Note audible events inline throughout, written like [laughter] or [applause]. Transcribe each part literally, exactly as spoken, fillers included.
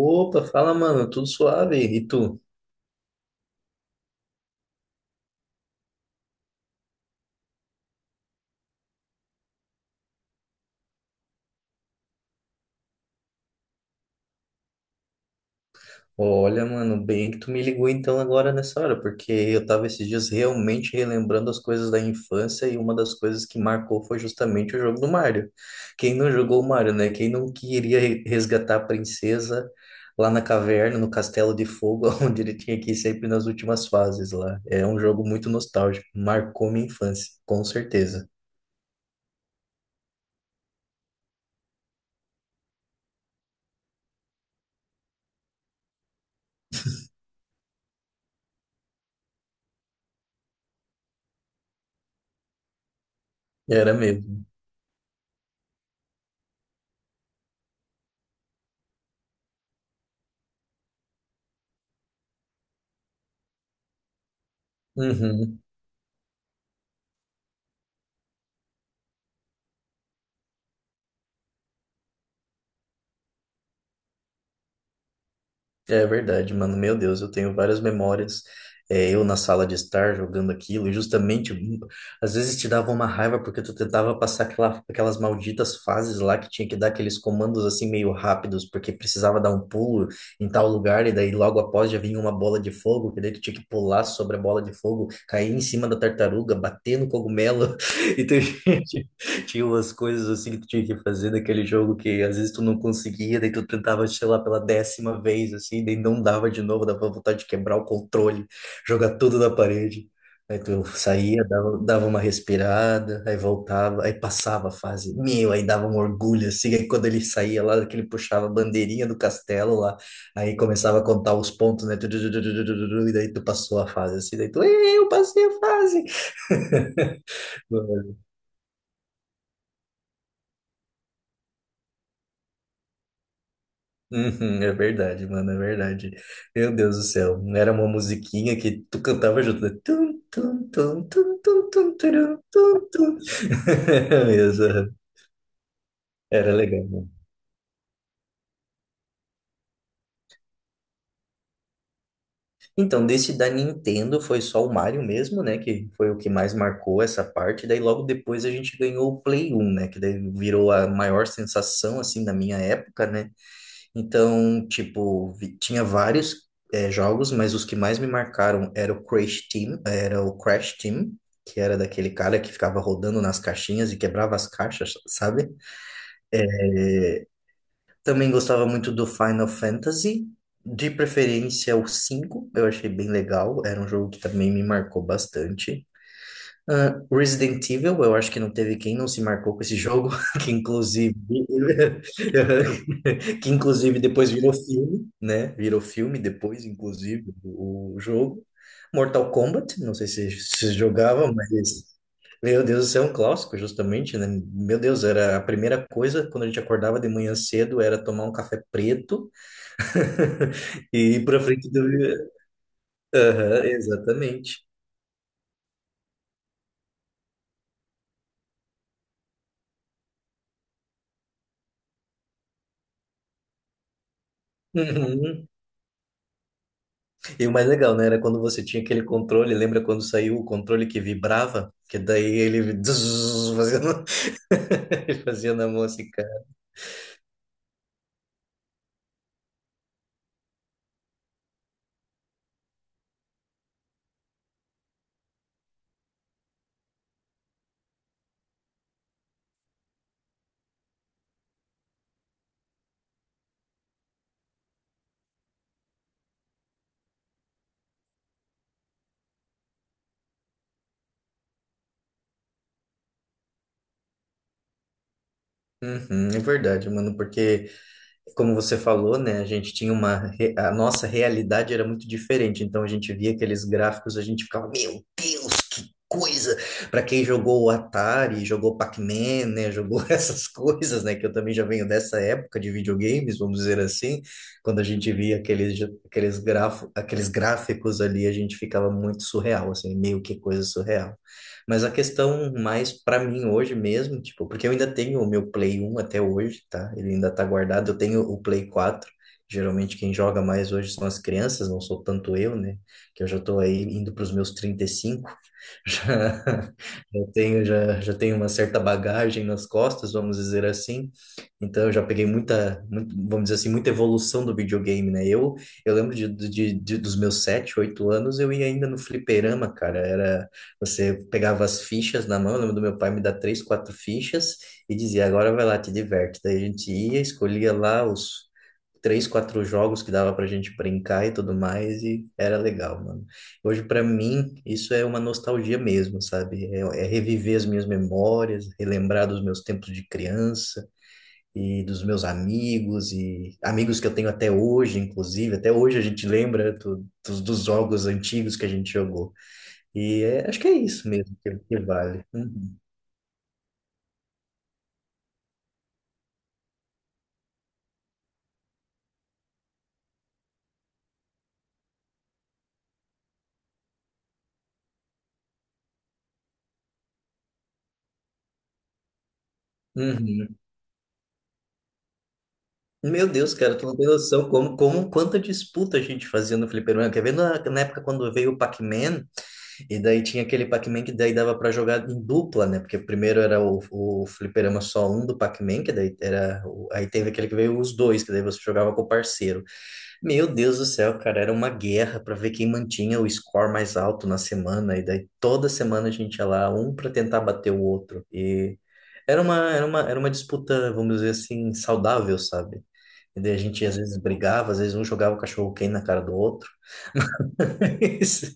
Opa, fala, mano, tudo suave? E tu? Olha, mano, bem que tu me ligou então agora nessa hora, porque eu tava esses dias realmente relembrando as coisas da infância e uma das coisas que marcou foi justamente o jogo do Mario. Quem não jogou o Mario, né? Quem não queria re- resgatar a princesa lá na caverna, no Castelo de Fogo, [laughs] onde ele tinha que ir sempre nas últimas fases lá. É um jogo muito nostálgico, marcou minha infância, com certeza. Era mesmo. Uhum. É verdade, mano. Meu Deus, eu tenho várias memórias. É, eu na sala de estar jogando aquilo, e justamente hum, às vezes te dava uma raiva porque tu tentava passar aquela, aquelas malditas fases lá que tinha que dar aqueles comandos assim meio rápidos, porque precisava dar um pulo em tal lugar, e daí logo após já vinha uma bola de fogo, que daí tu tinha que pular sobre a bola de fogo, cair em cima da tartaruga, bater no cogumelo. [laughs] e Então, [laughs] tinha umas coisas assim que tu tinha que fazer naquele jogo que às vezes tu não conseguia, daí tu tentava, sei lá, pela décima vez, assim, daí não dava de novo, dava vontade de quebrar o controle, jogar tudo na parede. Aí tu saía, dava, dava uma respirada, aí voltava, aí passava a fase. Meu, aí dava um orgulho, assim, aí quando ele saía lá, que ele puxava a bandeirinha do castelo lá, aí começava a contar os pontos, né? Tu, tu, tu, tu, tu, tu, tu, tu. E daí tu passou a fase, assim, daí tu: "Ei, eu passei a fase!" Uhum, é verdade, mano, é verdade. Meu Deus do céu, não era uma musiquinha que tu cantava junto, né? Tum, tum, tum, tum, tum, tum, turum, tum, tum. [laughs] Mesmo, aham. Era legal, mano. Então, desse da Nintendo foi só o Mario mesmo, né, que foi o que mais marcou essa parte, daí logo depois a gente ganhou o Play um, né, que daí virou a maior sensação, assim, da minha época, né. Então, tipo, vi- tinha vários eh, jogos, mas os que mais me marcaram era o Crash Team, era o Crash Team, que era daquele cara que ficava rodando nas caixinhas e quebrava as caixas, sabe? Também gostava muito do Final Fantasy, de preferência o cinco eu achei bem legal, era um jogo que também me marcou bastante. Ah, Resident Evil, eu acho que não teve quem não se marcou com esse jogo, [laughs] que inclusive, [laughs] que inclusive depois virou filme, né? Virou filme depois, inclusive, o o jogo. Mortal Kombat, não sei se se jogava, mas meu Deus, isso é um clássico, justamente, né? Meu Deus, era a primeira coisa quando a gente acordava de manhã cedo era tomar um café preto e ir pra frente do. Aham, exatamente. Uhum. E o mais legal, né? Era quando você tinha aquele controle, lembra quando saiu o controle que vibrava? Que daí ele [laughs] fazia na, [laughs] ele fazia na mão assim. Uhum, é verdade, mano, porque, como você falou, né, a gente tinha uma, re- a nossa realidade era muito diferente, então a gente via aqueles gráficos, a gente ficava, meu Deus, que coisa! Para quem jogou o Atari, jogou Pac-Man, né, jogou [laughs] essas coisas, né, que eu também já venho dessa época de videogames, vamos dizer assim, quando a gente via aqueles, aqueles, grafo, aqueles gráficos ali, a gente ficava muito surreal, assim, meio que coisa surreal. Mas a questão mais pra mim hoje mesmo, tipo, porque eu ainda tenho o meu Play um até hoje, tá? Ele ainda tá guardado. Eu tenho o Play quatro. Geralmente quem joga mais hoje são as crianças, não sou tanto eu, né? Que eu já tô aí indo pros meus trinta e cinco. [laughs] Já, já tenho, já, já tenho uma certa bagagem nas costas, vamos dizer assim. Então eu já peguei muita, muito- vamos dizer assim, muita evolução do videogame, né? Eu, eu lembro de, de, de- dos meus sete, oito anos, eu ia ainda no fliperama, cara. Era você pegava as fichas na mão, eu lembro do meu pai me dar três, quatro fichas e dizia, agora vai lá, te diverte. Daí a gente ia, escolhia lá os três, quatro jogos que dava pra gente brincar e tudo mais, e era legal, mano. Hoje, pra mim, isso é uma nostalgia mesmo, sabe? É, é reviver as minhas memórias, relembrar dos meus tempos de criança e dos meus amigos e amigos que eu tenho até hoje, inclusive. Até hoje a gente lembra do- dos dos jogos antigos que a gente jogou. E é- acho que é isso mesmo que, que vale. Uhum. Uhum. Meu Deus, cara, tu não tem noção como, como quanta disputa a gente fazia no fliperama. Quer ver na, na época quando veio o Pac-Man, e daí tinha aquele Pac-Man que daí dava pra jogar em dupla, né? Porque primeiro era o, o fliperama só um do Pac-Man, que daí era. O- aí teve aquele que veio os dois, que daí você jogava com o parceiro. Meu Deus do céu, cara, era uma guerra para ver quem mantinha o score mais alto na semana, e daí toda semana a gente ia lá, um para tentar bater o outro. E era uma, era uma, era uma disputa, vamos dizer assim, saudável, sabe? E daí a gente às vezes brigava, às vezes um jogava o cachorro quente na cara do outro. [laughs] Isso,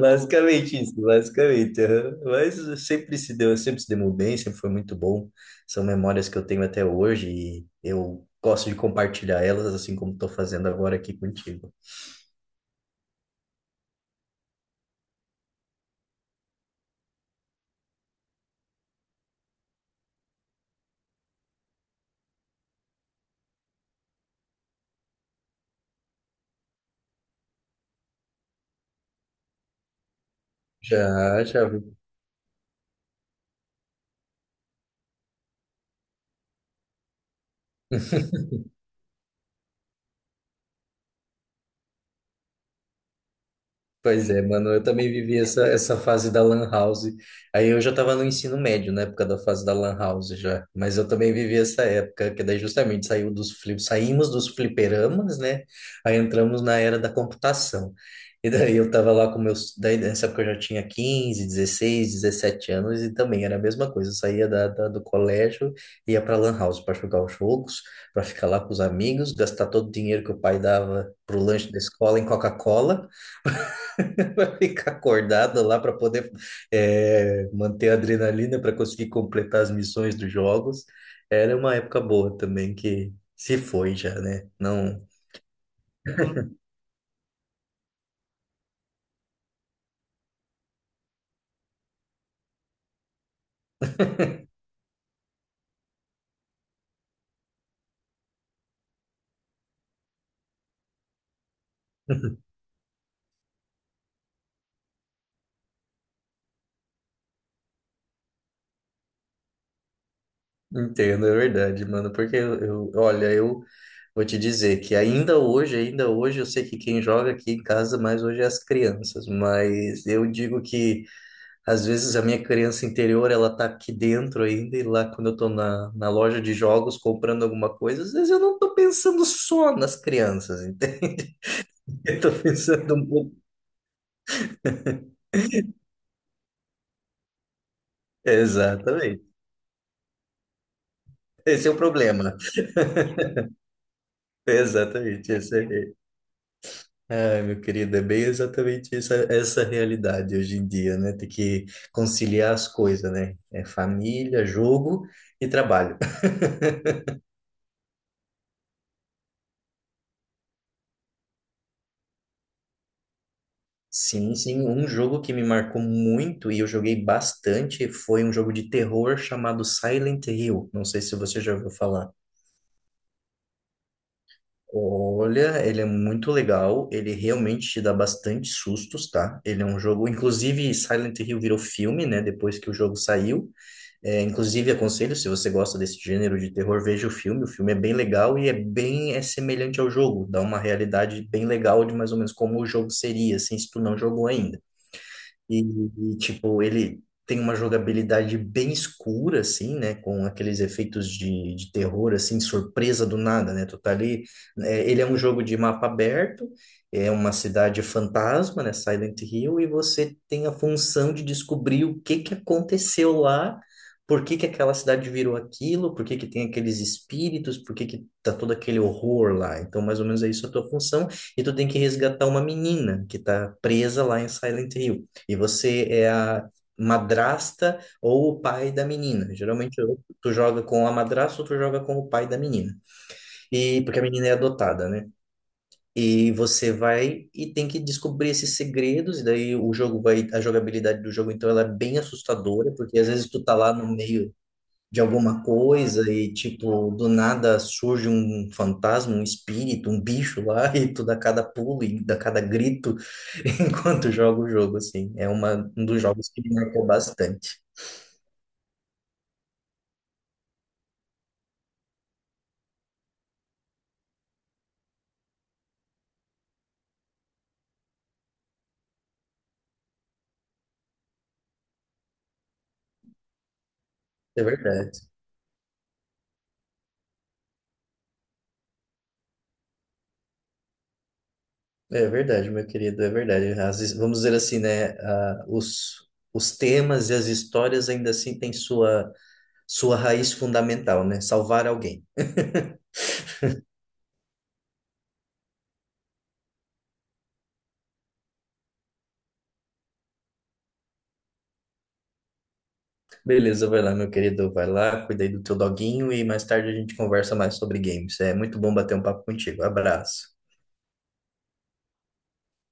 basicamente isso, basicamente. Aham. Mas sempre se deu, sempre se deu bem, sempre foi muito bom. São memórias que eu tenho até hoje e eu gosto de compartilhar elas, assim como estou fazendo agora aqui contigo. Já, já vi. [laughs] Pois é, mano, eu também vivi essa, essa fase da Lan House. Aí eu já estava no ensino médio, na época da fase da Lan House já. Mas eu também vivi essa época, que daí justamente saiu dos fli- saímos dos fliperamas, né? Aí entramos na era da computação. E daí eu tava lá com meus. Daí nessa época eu já tinha quinze dezesseis dezessete anos e também era a mesma coisa. Eu saía da, da- do colégio, ia pra Lan House para jogar os jogos, para ficar lá com os amigos, gastar todo o dinheiro que o pai dava pro lanche da escola em Coca-Cola. [laughs] Vai ficar acordado lá para poder é, manter a adrenalina para conseguir completar as missões dos jogos. Era uma época boa também que se foi já, né? Não [laughs] entendo, é verdade, mano. Porque eu, eu- olha, eu vou te dizer que ainda hoje, ainda hoje, eu sei que quem joga aqui em casa mais hoje é as crianças, mas eu digo que às vezes a minha criança interior, ela tá aqui dentro ainda, e lá quando eu tô na, na loja de jogos comprando alguma coisa, às vezes eu não tô pensando só nas crianças, entende? [laughs] Eu tô pensando um pouco. Exatamente. Esse é o problema. Exatamente. Esse é. Ai, meu querido, é bem exatamente essa, essa, realidade hoje em dia, né? Tem que conciliar as coisas, né? É família, jogo e trabalho. Sim, sim, um jogo que me marcou muito e eu joguei bastante foi um jogo de terror chamado Silent Hill. Não sei se você já ouviu falar. Olha, ele é muito legal, ele realmente te dá bastante sustos, tá? Ele é um jogo, inclusive Silent Hill virou filme, né? Depois que o jogo saiu. É, inclusive aconselho, se você gosta desse gênero de terror, veja o filme. O filme é bem legal e é bem é semelhante ao jogo, dá uma realidade bem legal de mais ou menos como o jogo seria, assim, se tu não jogou ainda. E, e, tipo, ele tem uma jogabilidade bem escura, assim, né? Com aqueles efeitos de, de terror, assim, surpresa do nada, né? Tu tá ali. É, ele é um jogo de mapa aberto, é uma cidade fantasma, né? Silent Hill, e você tem a função de descobrir o que que aconteceu lá. Por que que aquela cidade virou aquilo? Por que que tem aqueles espíritos? Por que que tá todo aquele horror lá? Então, mais ou menos é isso a tua função. E tu tem que resgatar uma menina que tá presa lá em Silent Hill. E você é a madrasta ou o pai da menina. Geralmente ou tu joga com a madrasta ou tu joga com o pai da menina. E porque a menina é adotada, né? E você vai e tem que descobrir esses segredos, e daí o jogo vai, a jogabilidade do jogo então ela é bem assustadora, porque às vezes tu tá lá no meio de alguma coisa e, tipo, do nada surge um fantasma, um espírito, um bicho lá [laughs] e tu dá cada pulo e dá cada grito [laughs] enquanto joga o jogo, assim. É uma, um dos jogos que me marcou bastante. É verdade. É verdade, meu querido, é verdade. Às vezes, vamos dizer assim, né? Ah, os, os temas e as histórias ainda assim têm sua, sua raiz fundamental, né? Salvar alguém. Beleza, vai lá, meu querido. Vai lá, cuida aí do teu doguinho e mais tarde a gente conversa mais sobre games. É muito bom bater um papo contigo. Abraço.